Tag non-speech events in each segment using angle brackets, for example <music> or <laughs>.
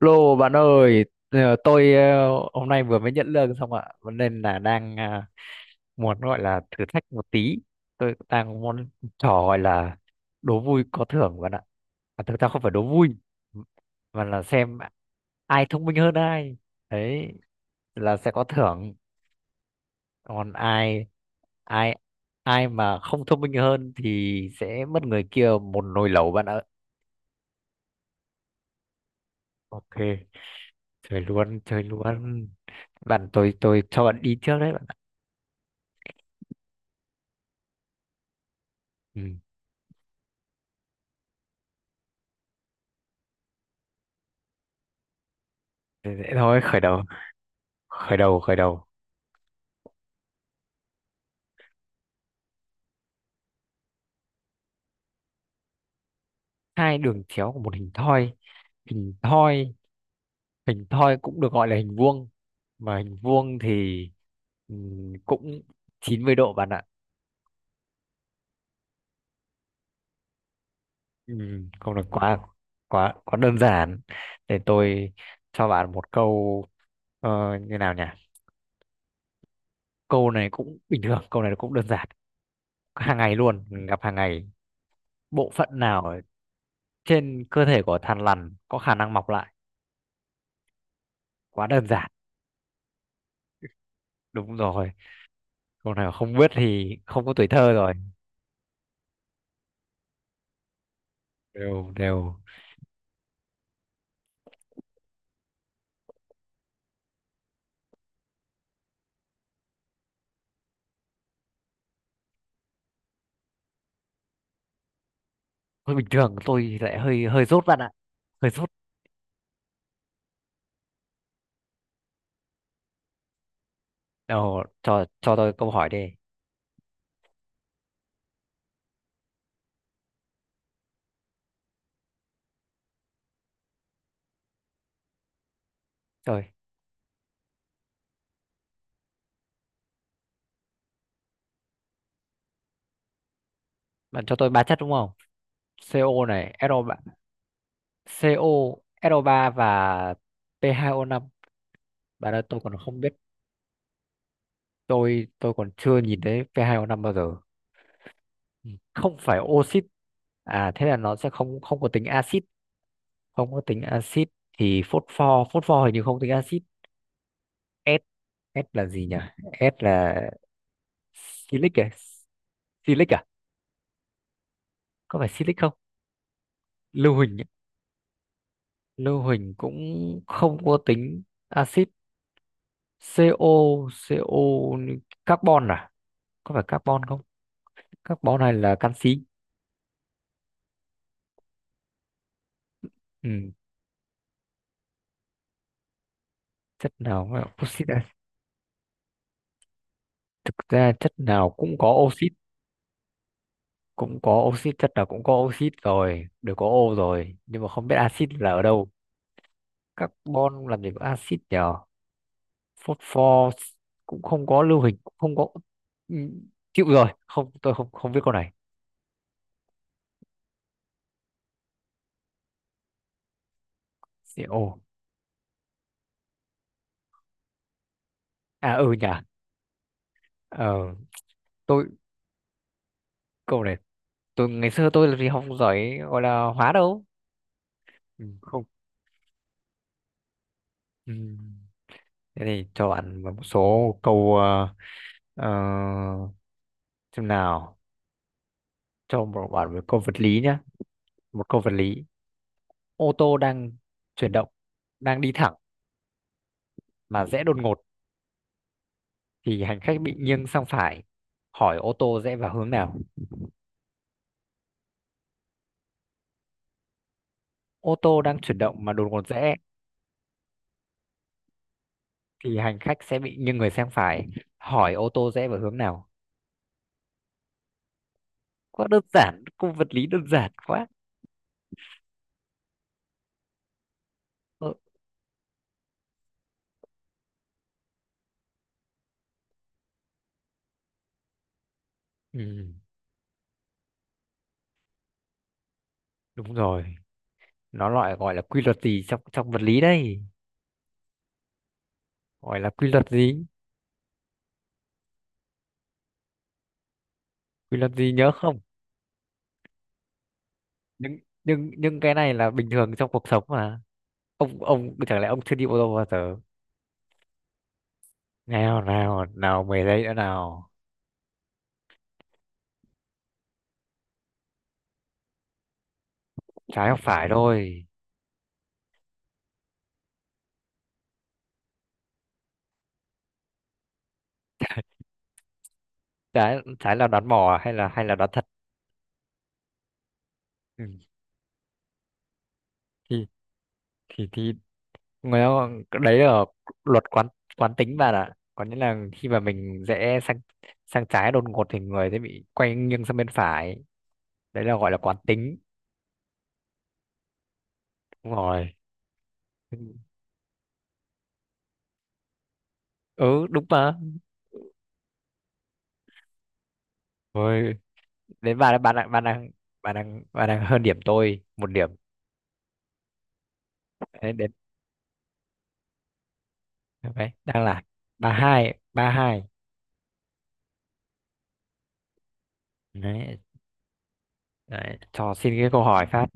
Lô bạn ơi, tôi hôm nay vừa mới nhận lương xong ạ, cho nên là đang muốn gọi là thử thách một tí. Tôi đang muốn trò gọi là đố vui có thưởng bạn ạ. À, thực ra không phải đố vui, mà là xem ai thông minh hơn ai. Đấy là sẽ có thưởng, còn ai ai ai mà không thông minh hơn thì sẽ mất người kia một nồi lẩu bạn ạ. Ok, chơi luôn, chơi luôn. Bạn tôi cho bạn đi trước đấy. Ừ, dễ dễ thôi, khởi đầu hai đường chéo của một hình thoi, hình thoi hình thoi cũng được gọi là hình vuông, mà hình vuông thì ừ, cũng 90° bạn ạ. ừ, không được, quá quá quá đơn giản. Để tôi cho bạn một câu, ờ, như nào nhỉ. Câu này cũng bình thường, câu này cũng đơn giản, hàng ngày luôn gặp hàng ngày. Bộ phận nào ở trên cơ thể của thằn lằn có khả năng mọc lại? Quá đơn giản. Đúng rồi, câu nào không biết thì không có tuổi thơ rồi. Đều đều. Hơi bình thường, tôi thì lại hơi hơi dốt bạn ạ, hơi dốt. Nào cho tôi câu hỏi đi. Rồi, bạn cho tôi ba chất đúng không? CO này, SO3, CO, so ba và P2O5. Bạn ơi tôi còn không biết, tôi còn chưa nhìn thấy P2O5 bao giờ. Ừ, không phải oxit à, thế là nó sẽ không không có tính axit, không có tính axit. Thì phốt pho, phốt pho hình như không tính axit. S, S là gì nhỉ? S là Silic à? Silic à? Có phải Silic không? Lưu huỳnh ấy. Lưu huỳnh cũng không có tính axit. CO, CO, carbon à? Có phải carbon không? Carbon này là canxi. Ừ. Chất nào mà oxit <laughs> à? Thực ra chất nào cũng có oxit, cũng có oxit, chất nào cũng có oxit rồi, đều có O rồi, nhưng mà không biết axit là ở đâu. Carbon làm gì có axit nhỉ? Phốt pho cũng không có, lưu hình cũng không có. Ừ, chịu rồi, không, tôi không không biết câu này. CO, à ừ nhỉ. Ờ, tôi câu này, tôi ngày xưa làm gì học giỏi gọi là hóa đâu. Ừ, không. Ừ, thế thì cho bạn một số câu, ờ, xem nào. Cho một bạn một câu vật lý nhé, một câu vật lý. Ô tô đang chuyển động, đang đi thẳng mà rẽ đột ngột thì hành khách bị nghiêng sang phải, hỏi ô tô rẽ vào hướng nào? Ô tô đang chuyển động mà đột ngột rẽ thì hành khách sẽ bị nghiêng người sang phải, hỏi ô tô rẽ vào hướng nào? Quá đơn giản, cung vật lý đơn giản quá. ừ, ừ, đúng rồi. Nó loại gọi là quy luật gì trong trong vật lý đây? Gọi là quy luật gì? Quy luật gì nhớ không? Nhưng cái này là bình thường trong cuộc sống mà. Ông chẳng lẽ ông chưa đi ô tô bao giờ? Nào nào nào, 10 giây nữa nào. Trái hoặc phải thôi. Trái trái là đoán mò à, hay là đoán thật? Ừ. thì thì người ta gọi, đấy là luật quán quán tính bạn ạ, có nghĩa là khi mà mình rẽ sang, sang trái đột ngột thì người sẽ bị quay nghiêng sang bên phải, đấy là gọi là quán tính. Đúng rồi. Ừ đúng mà. Rồi, đến bạn, bạn đang hơn điểm tôi một điểm. Đấy, đến đấy, đang là ba hai. Đấy, đấy cho xin cái câu hỏi phát.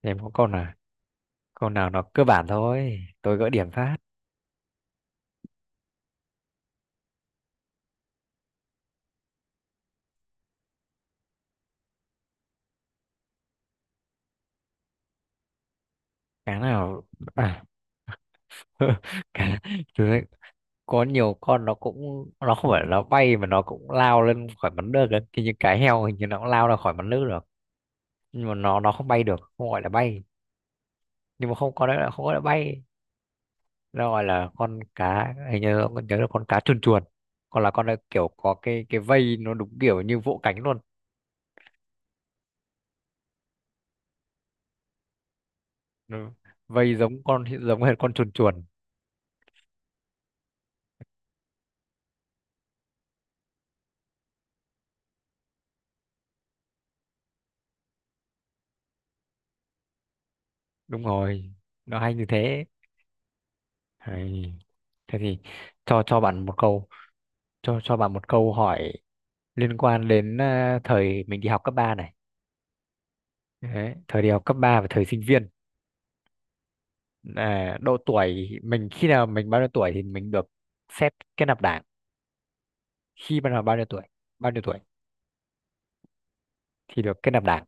Em có câu nào, câu nào nó cơ bản thôi tôi gỡ điểm phát. Cái nào? À, <laughs> cái, có nhiều con nó cũng, nó không phải nó bay mà nó cũng lao lên khỏi mặt nước ấy. Thì những cái heo hình như nó cũng lao ra khỏi mặt nước được, nhưng mà nó không bay được, không gọi là bay. Nhưng mà không có, đấy là không gọi là bay. Nó gọi là con cá, hình như nhớ là con cá chuồn chuồn. Còn là con này kiểu có cái vây nó đúng kiểu như vỗ cánh luôn. Nó vây giống con, giống hệt con chuồn chuồn. Đúng rồi, nó hay như thế. Hay. Thế thì cho bạn một câu, cho bạn một câu hỏi liên quan đến thời mình đi học cấp 3 này. Đấy, thời đi học cấp 3 và thời sinh viên. À, độ tuổi mình, khi nào mình bao nhiêu tuổi thì mình được xét kết nạp đảng, khi bắt đầu bao nhiêu tuổi, bao nhiêu tuổi thì được kết nạp đảng?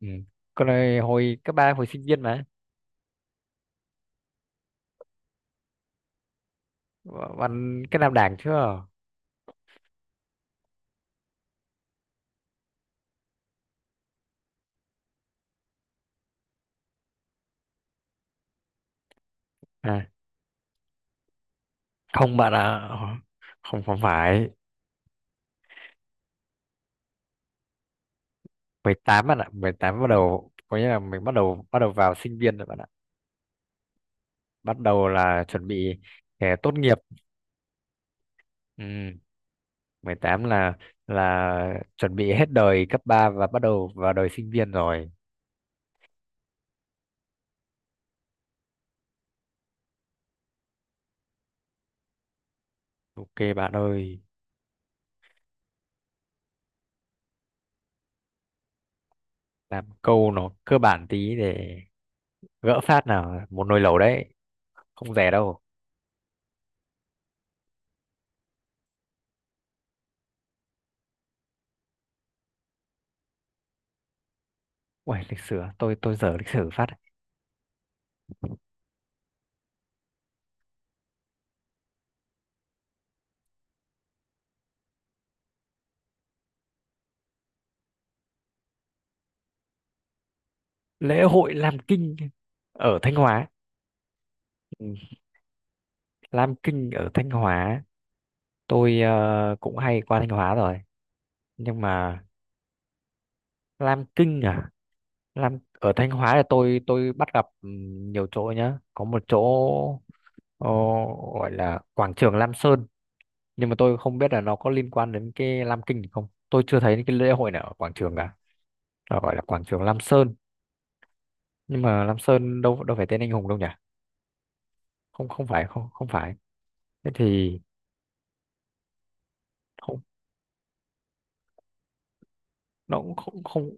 Ừ. Còn hồi, hồi cấp ba hồi sinh viên mà bạn kết nạp đảng chưa? À, không bạn ạ, không không phải. 18 bạn ạ, 18 bắt đầu, có nghĩa là mình bắt đầu, vào sinh viên rồi bạn ạ, bắt đầu là chuẩn bị để tốt nghiệp. Ừ. 18 là chuẩn bị hết đời cấp 3 và bắt đầu vào đời sinh viên rồi. Ok bạn ơi, làm câu nó cơ bản tí để gỡ phát nào, một nồi lẩu đấy, không rẻ đâu. Uầy, lịch sử à? Tôi dở lịch sử phát. Lễ hội Lam Kinh ở Thanh Hóa. Ừ, Lam Kinh ở Thanh Hóa, tôi cũng hay qua Thanh Hóa rồi, nhưng mà Lam Kinh à? Lam ở Thanh Hóa là tôi bắt gặp nhiều chỗ nhá, có một chỗ Ồ, gọi là quảng trường Lam Sơn, nhưng mà tôi không biết là nó có liên quan đến cái Lam Kinh thì không, tôi chưa thấy cái lễ hội nào ở quảng trường cả. Nó gọi là quảng trường Lam Sơn, nhưng mà Lam Sơn đâu đâu phải tên anh hùng đâu nhỉ? Không không phải, thế thì không. Nó cũng không không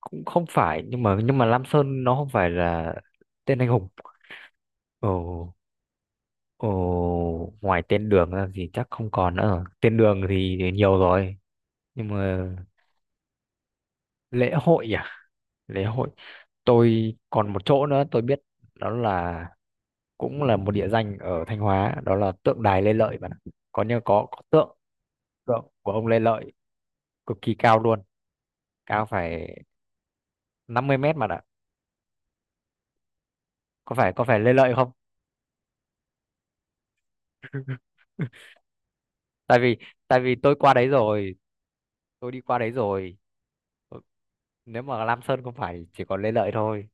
cũng không phải. Nhưng mà Lam Sơn nó không phải là tên anh hùng. Ồ ồ ngoài tên đường ra thì chắc không còn nữa rồi. Tên đường thì nhiều rồi. Nhưng mà lễ hội à, lễ hội tôi còn một chỗ nữa tôi biết, đó là cũng là một địa danh ở Thanh Hóa, đó là tượng đài Lê Lợi bạn ạ. Có như có tượng, của ông Lê Lợi cực kỳ cao luôn, cao phải 50 m mà ạ. Có phải Lê Lợi không? <laughs> Tại vì tôi qua đấy rồi, tôi đi qua đấy rồi. Ừ, nếu mà Lam Sơn không phải chỉ còn Lê Lợi thôi.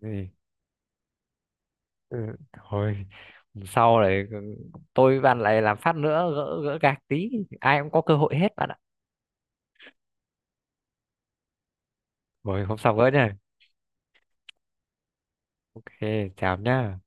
Ừ. Ừ, thôi sau này, tôi với bạn lại làm phát nữa, gỡ gỡ gạc tí, ai cũng có cơ hội hết bạn ạ. Rồi hôm sau gỡ nhá. Ok, chào nhá.